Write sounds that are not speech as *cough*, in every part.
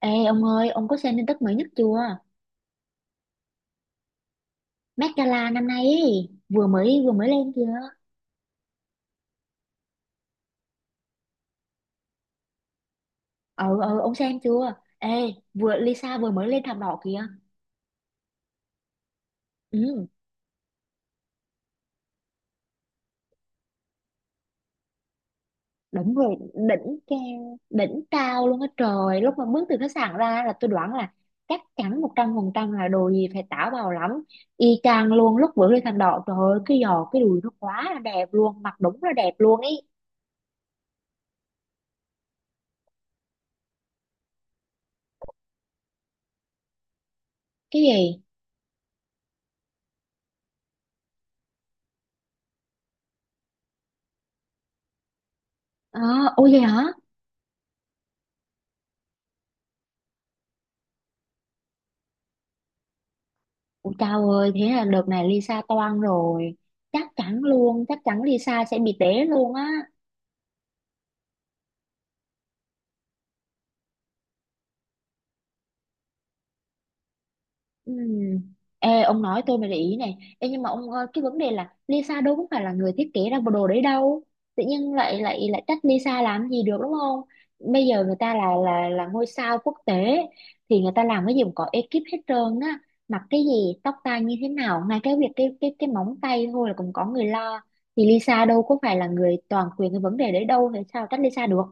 Ê ông ơi, ông có xem tin tức mới nhất chưa? Met Gala năm nay ấy, vừa mới lên kìa. Ờ, ông xem chưa? Ê, Lisa vừa mới lên thảm đỏ kìa. Ừ, đúng rồi, đỉnh cao luôn á trời. Lúc mà bước từ khách sạn ra là tôi đoán là chắc chắn 100% là đồ gì phải táo bạo lắm. Y chang luôn lúc vừa lên thảm đỏ, trời ơi, cái giò, cái đùi nó quá là đẹp luôn, mặc đúng là đẹp luôn ấy. Cái gì? Ờ, ôi vậy hả? Ủa chao ơi, thế là đợt này Lisa toang rồi. Chắc chắn luôn, chắc chắn Lisa sẽ bị té luôn á. Ừm. Ê, ông nói tôi mới để ý này. Ê, nhưng mà ông ơi, cái vấn đề là Lisa đâu có phải là người thiết kế ra bộ đồ đấy đâu. Tự nhiên lại lại lại trách Lisa làm gì được đúng không? Bây giờ người ta là ngôi sao quốc tế thì người ta làm cái gì cũng có ekip hết trơn á. Mặc cái gì, tóc tai như thế nào, ngay cái việc cái móng tay thôi là cũng có người lo. Thì Lisa đâu có phải là người toàn quyền cái vấn đề đấy đâu, thì sao trách Lisa được?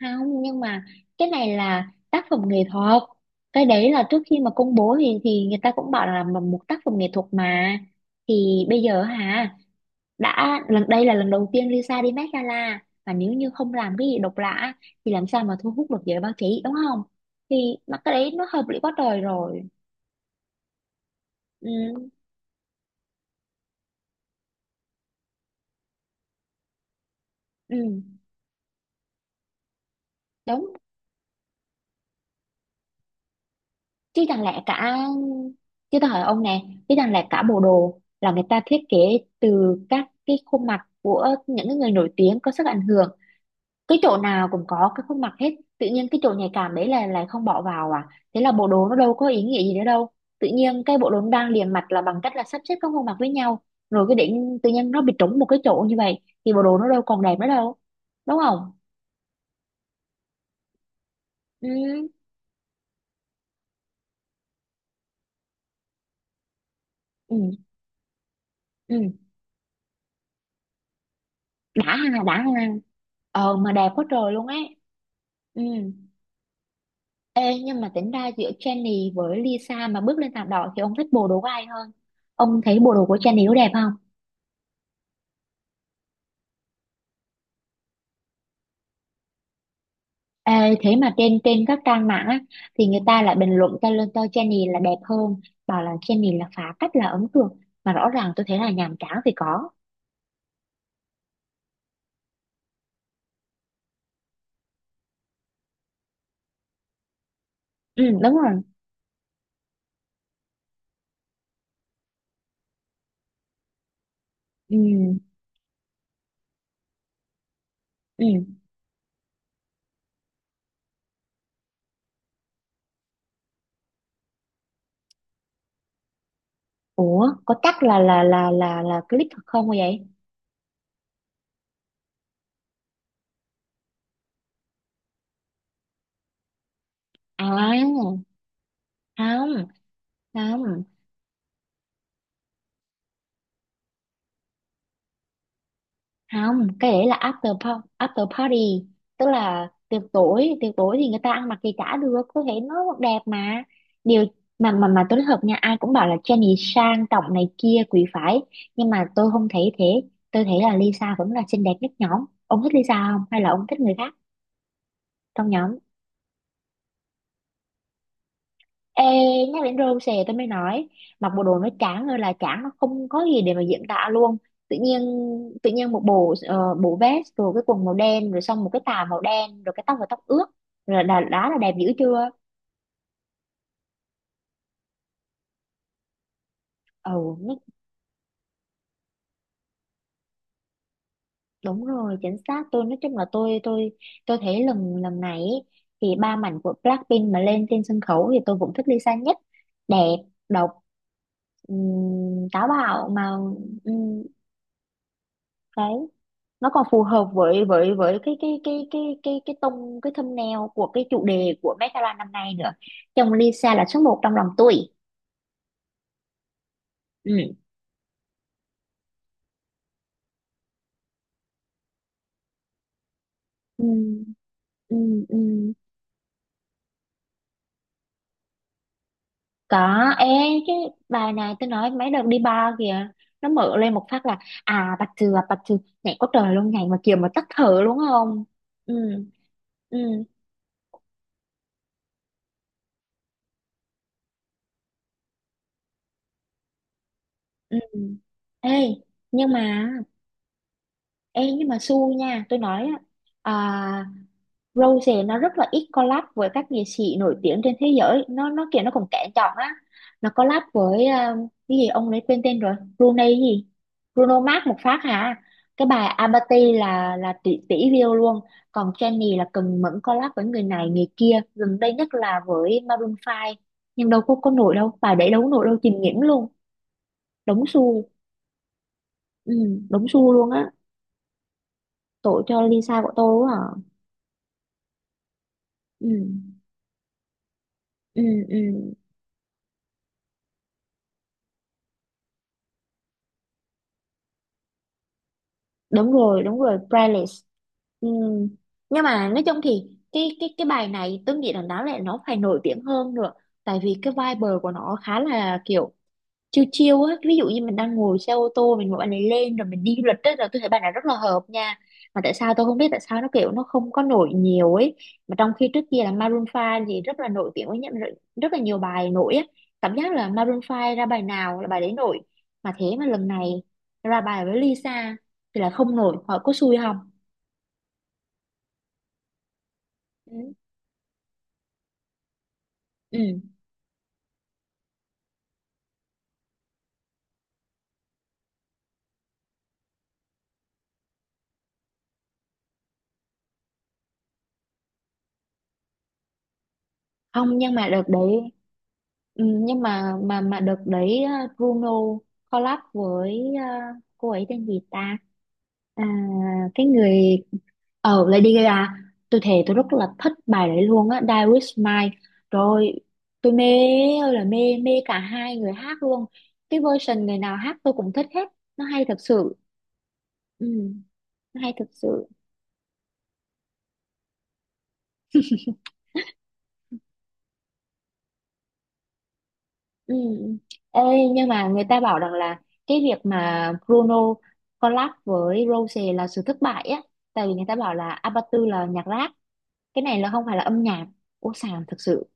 Không nhưng mà cái này là tác phẩm nghệ thuật, cái đấy là trước khi mà công bố thì người ta cũng bảo là mà một tác phẩm nghệ thuật mà. Thì bây giờ hả, đã lần đây là lần đầu tiên Lisa đi Met Gala, và nếu như không làm cái gì độc lạ thì làm sao mà thu hút được giới báo chí, đúng không? Thì mà cái đấy nó hợp lý quá trời rồi. Ừ, ừ, đúng. Chứ chẳng lẽ cả Chứ tôi hỏi ông nè, chứ chẳng lẽ cả bộ đồ là người ta thiết kế từ các cái khuôn mặt của những cái người nổi tiếng có sức ảnh hưởng, cái chỗ nào cũng có cái khuôn mặt hết, tự nhiên cái chỗ nhạy cảm đấy là lại không bỏ vào à? Thế là bộ đồ nó đâu có ý nghĩa gì nữa đâu. Tự nhiên cái bộ đồ nó đang liền mạch là bằng cách là sắp xếp các khuôn mặt với nhau, rồi cái đỉnh tự nhiên nó bị trúng một cái chỗ như vậy thì bộ đồ nó đâu còn đẹp nữa đâu, đúng không? Ừ, ừ, ừ, đã ha, đã ha. Ờ mà đẹp quá trời luôn ấy. Ừ. Ê, nhưng mà tính ra giữa Jennie với Lisa mà bước lên thảm đỏ thì ông thích bộ đồ của ai hơn? Ông thấy bộ đồ của Jennie có đẹp không? Ê, thế mà trên trên các trang mạng á, thì người ta lại bình luận cho lên cho Jennie là đẹp hơn, bảo là Jennie là phá cách là ấn tượng, mà rõ ràng tôi thấy là nhàm chán thì có. Ừ, đúng rồi. Ừ, ừ. Ủa, có chắc là clip thật không vậy? À, không, không. Không, cái đấy là after party, tức là tiệc tối thì người ta ăn mặc gì chả được, có thể nó đẹp mà. Điều mà tôi nói thật nha, ai cũng bảo là Jennie sang trọng này kia quý phái, nhưng mà tôi không thấy thế. Tôi thấy là Lisa vẫn là xinh đẹp nhất nhóm. Ông thích Lisa không hay là ông thích người khác trong nhóm? Ê, nhắc đến râu xè tôi mới nói, mặc bộ đồ nó chán ơi là chán, nó không có gì để mà diễn tả luôn. tự nhiên Tự nhiên một bộ bộ vest rồi cái quần màu đen rồi xong một cái tà màu đen rồi cái tóc và tóc ướt rồi, đã là đẹp dữ chưa? Ừ, nó, đúng rồi chính xác. Tôi nói chung là tôi thấy lần lần này ý, thì ba mảnh của Blackpink mà lên trên sân khấu thì tôi vẫn thích Lisa nhất. Đẹp, độc, táo bạo mà. Ừm, cái Nó còn phù hợp với cái tông, cái thumbnail của cái chủ đề của Met Gala năm nay nữa. Chồng Lisa là số một trong lòng tôi. Ừ. Ừ. Ừ. Ừ. Có. Ê, chứ bài này tôi nói mấy đợt đi bar kìa, nó mở lên một phát là à bạch thừa bạch thừa, nhảy có trời luôn, nhảy mà kiểu mà tắt thở luôn không. Ừ. Ừ. Ừ. Ê nhưng mà Ê nhưng mà xui nha, tôi nói á, à, Rose nó rất là ít collab với các nghệ sĩ nổi tiếng trên thế giới, nó kiểu nó cũng kén chọn á. Nó collab với ờ, cái gì ông ấy quên tên rồi, Brunei cái gì, Bruno Mars một phát hả. Cái bài Abati là tỷ tỷ view luôn. Còn Jennie là cần mẫn collab với người này người kia, gần đây nhất là với Maroon 5, nhưng đâu có nổi đâu, bài đấy đâu có nổi đâu, chìm nghỉm luôn. Đống xu, ừ, đống xu luôn á, tội cho Lisa của tôi quá à. Ừ, ừ, ừ. Đúng rồi đúng rồi playlist. Ừ. Nhưng mà nói chung thì cái bài này tôi nghĩ là nó phải nổi tiếng hơn nữa, tại vì cái vibe của nó khá là kiểu chiêu chiêu á. Ví dụ như mình đang ngồi xe ô tô, mình gọi bạn này lên rồi mình đi du lịch á, là tôi thấy bạn này rất là hợp nha. Mà tại sao tôi không biết tại sao nó kiểu nó không có nổi nhiều ấy, mà trong khi trước kia là Maroon Five thì rất là nổi tiếng với nhận rất rất là nhiều bài nổi á. Cảm giác là Maroon Five ra bài nào là bài đấy nổi, mà thế mà lần này ra bài với Lisa thì là không nổi, họ có xui không? Ừ. Ừ. Không nhưng mà đợt đấy, ừ, nhưng mà đợt đấy Bruno collab với cô ấy tên gì ta. À, cái người ờ Lady Gaga, tôi thề tôi rất là thích bài đấy luôn á, Die With Mine. Rồi, tôi mê ơi là mê, mê cả hai người hát luôn. Cái version người nào hát tôi cũng thích hết. Nó hay thật sự. Ừ, nó hay thật sự. Ừ. Ê, nhưng mà người ta bảo rằng là cái việc mà Bruno collab với Rose là sự thất bại á, tại vì người ta bảo là Abatu là nhạc rap, cái này là không phải là âm nhạc, ô sàng thật sự.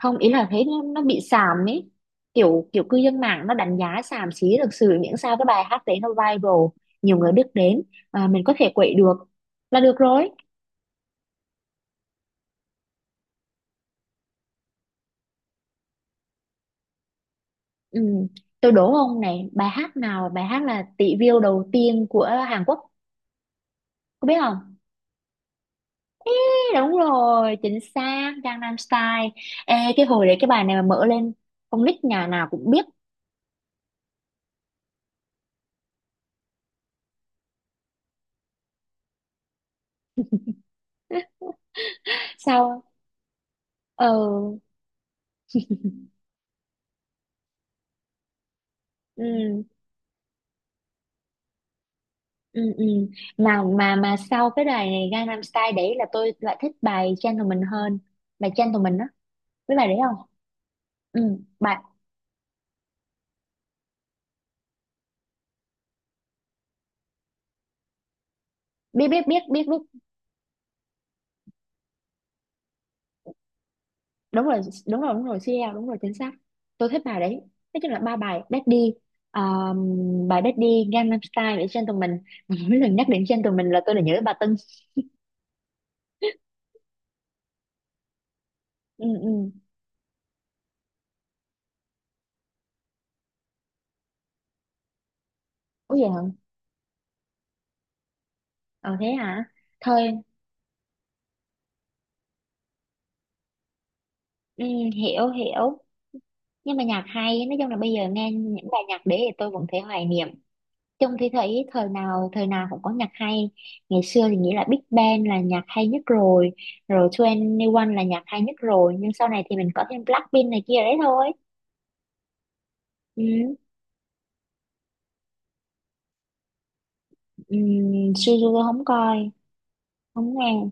Không ý là thấy nó bị xàm ấy, kiểu kiểu cư dân mạng nó đánh giá xàm xí thực sự, miễn sao cái bài hát đấy nó viral, nhiều người biết đến, à, mình có thể quậy được là được rồi. Ừ. Tôi đố ông này, bài hát nào là bài hát là tỷ view đầu tiên của Hàn Quốc, có biết không? Ê, đúng rồi chính xác, Gangnam Style. Ê, cái hồi đấy cái bài này mà mở lên, con nít nhà nào cũng biết. *laughs* Sao, ờ, ừ. Ừ, ừ, mà sau cái bài này Gangnam Style đấy là tôi lại thích bài Gentleman hơn. Bài Gentleman đó, biết bài đấy không? Ừ, bài biết biết biết biết biết đúng rồi, đúng rồi CL, đúng rồi chính xác. Tôi thích bài đấy. Nói chung là ba bài Daddy, bài Daddy, Gangnam Style và Gentleman. *laughs* Mà mỗi lần nhắc đến Gentleman là tôi lại nhớ bà Tưng. Ừ, ừ. Ủa vậy hả, ờ thế hả. Thôi, ừ, hiểu hiểu. Nhưng mà nhạc hay, nói chung là bây giờ nghe những bài nhạc đấy thì tôi vẫn thấy hoài niệm. Chung thì thấy thời nào cũng có nhạc hay. Ngày xưa thì nghĩ là Big Bang là nhạc hay nhất rồi, rồi 21 là nhạc hay nhất rồi, nhưng sau này thì mình có thêm Blackpink này kia đấy thôi. Ừ, ừ, Suzu không coi, không nghe.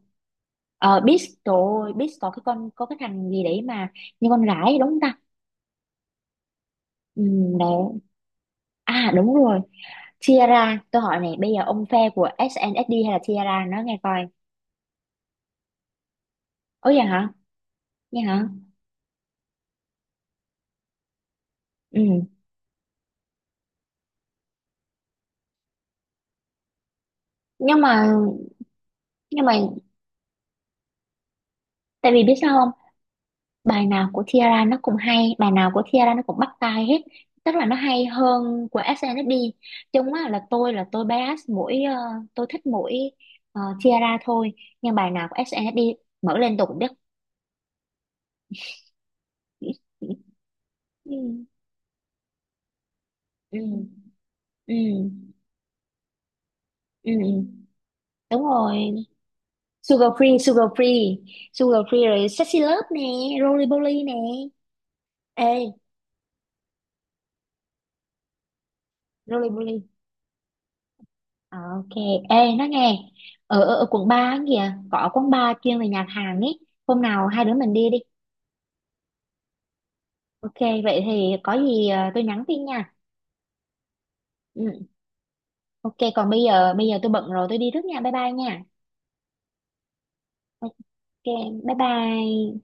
Ờ Beast, trời ơi Beast có cái con có cái thằng gì đấy mà như con gái ấy, đúng không ta? Ừ, đấy, à đúng rồi, Tiara. Tôi hỏi này, bây giờ ông phe của SNSD hay là Tiara, nó nghe coi. Ôi vậy hả, nghe hả. Ừ. nhưng mà nhưng mà tại vì biết sao không, bài nào của Tiara nó cũng hay, bài nào của Tiara nó cũng bắt tai hết, tức là nó hay hơn của SNSD. Chung á là tôi bias mỗi ờ, tôi thích mỗi ờ, Tiara thôi. Nhưng bài nào của SNSD mở lên tôi cũng biết. Ừ, ừ, ừ, ừ, ừ. đúng rồi, Sugar Free, Sugar Free rồi, Sexy Love nè, Roly Poly nè. Ê Roly, ờ, ok, ê nó nghe ở, quận 3 á kìa có quán bar chuyên về nhạc Hàn ấy, hôm nào hai đứa mình đi đi. Ok, vậy thì có gì ờ, tôi nhắn tin nha. Ừ, ok, còn bây giờ tôi bận rồi, tôi đi trước nha, bye bye nha. Ok, bye bye.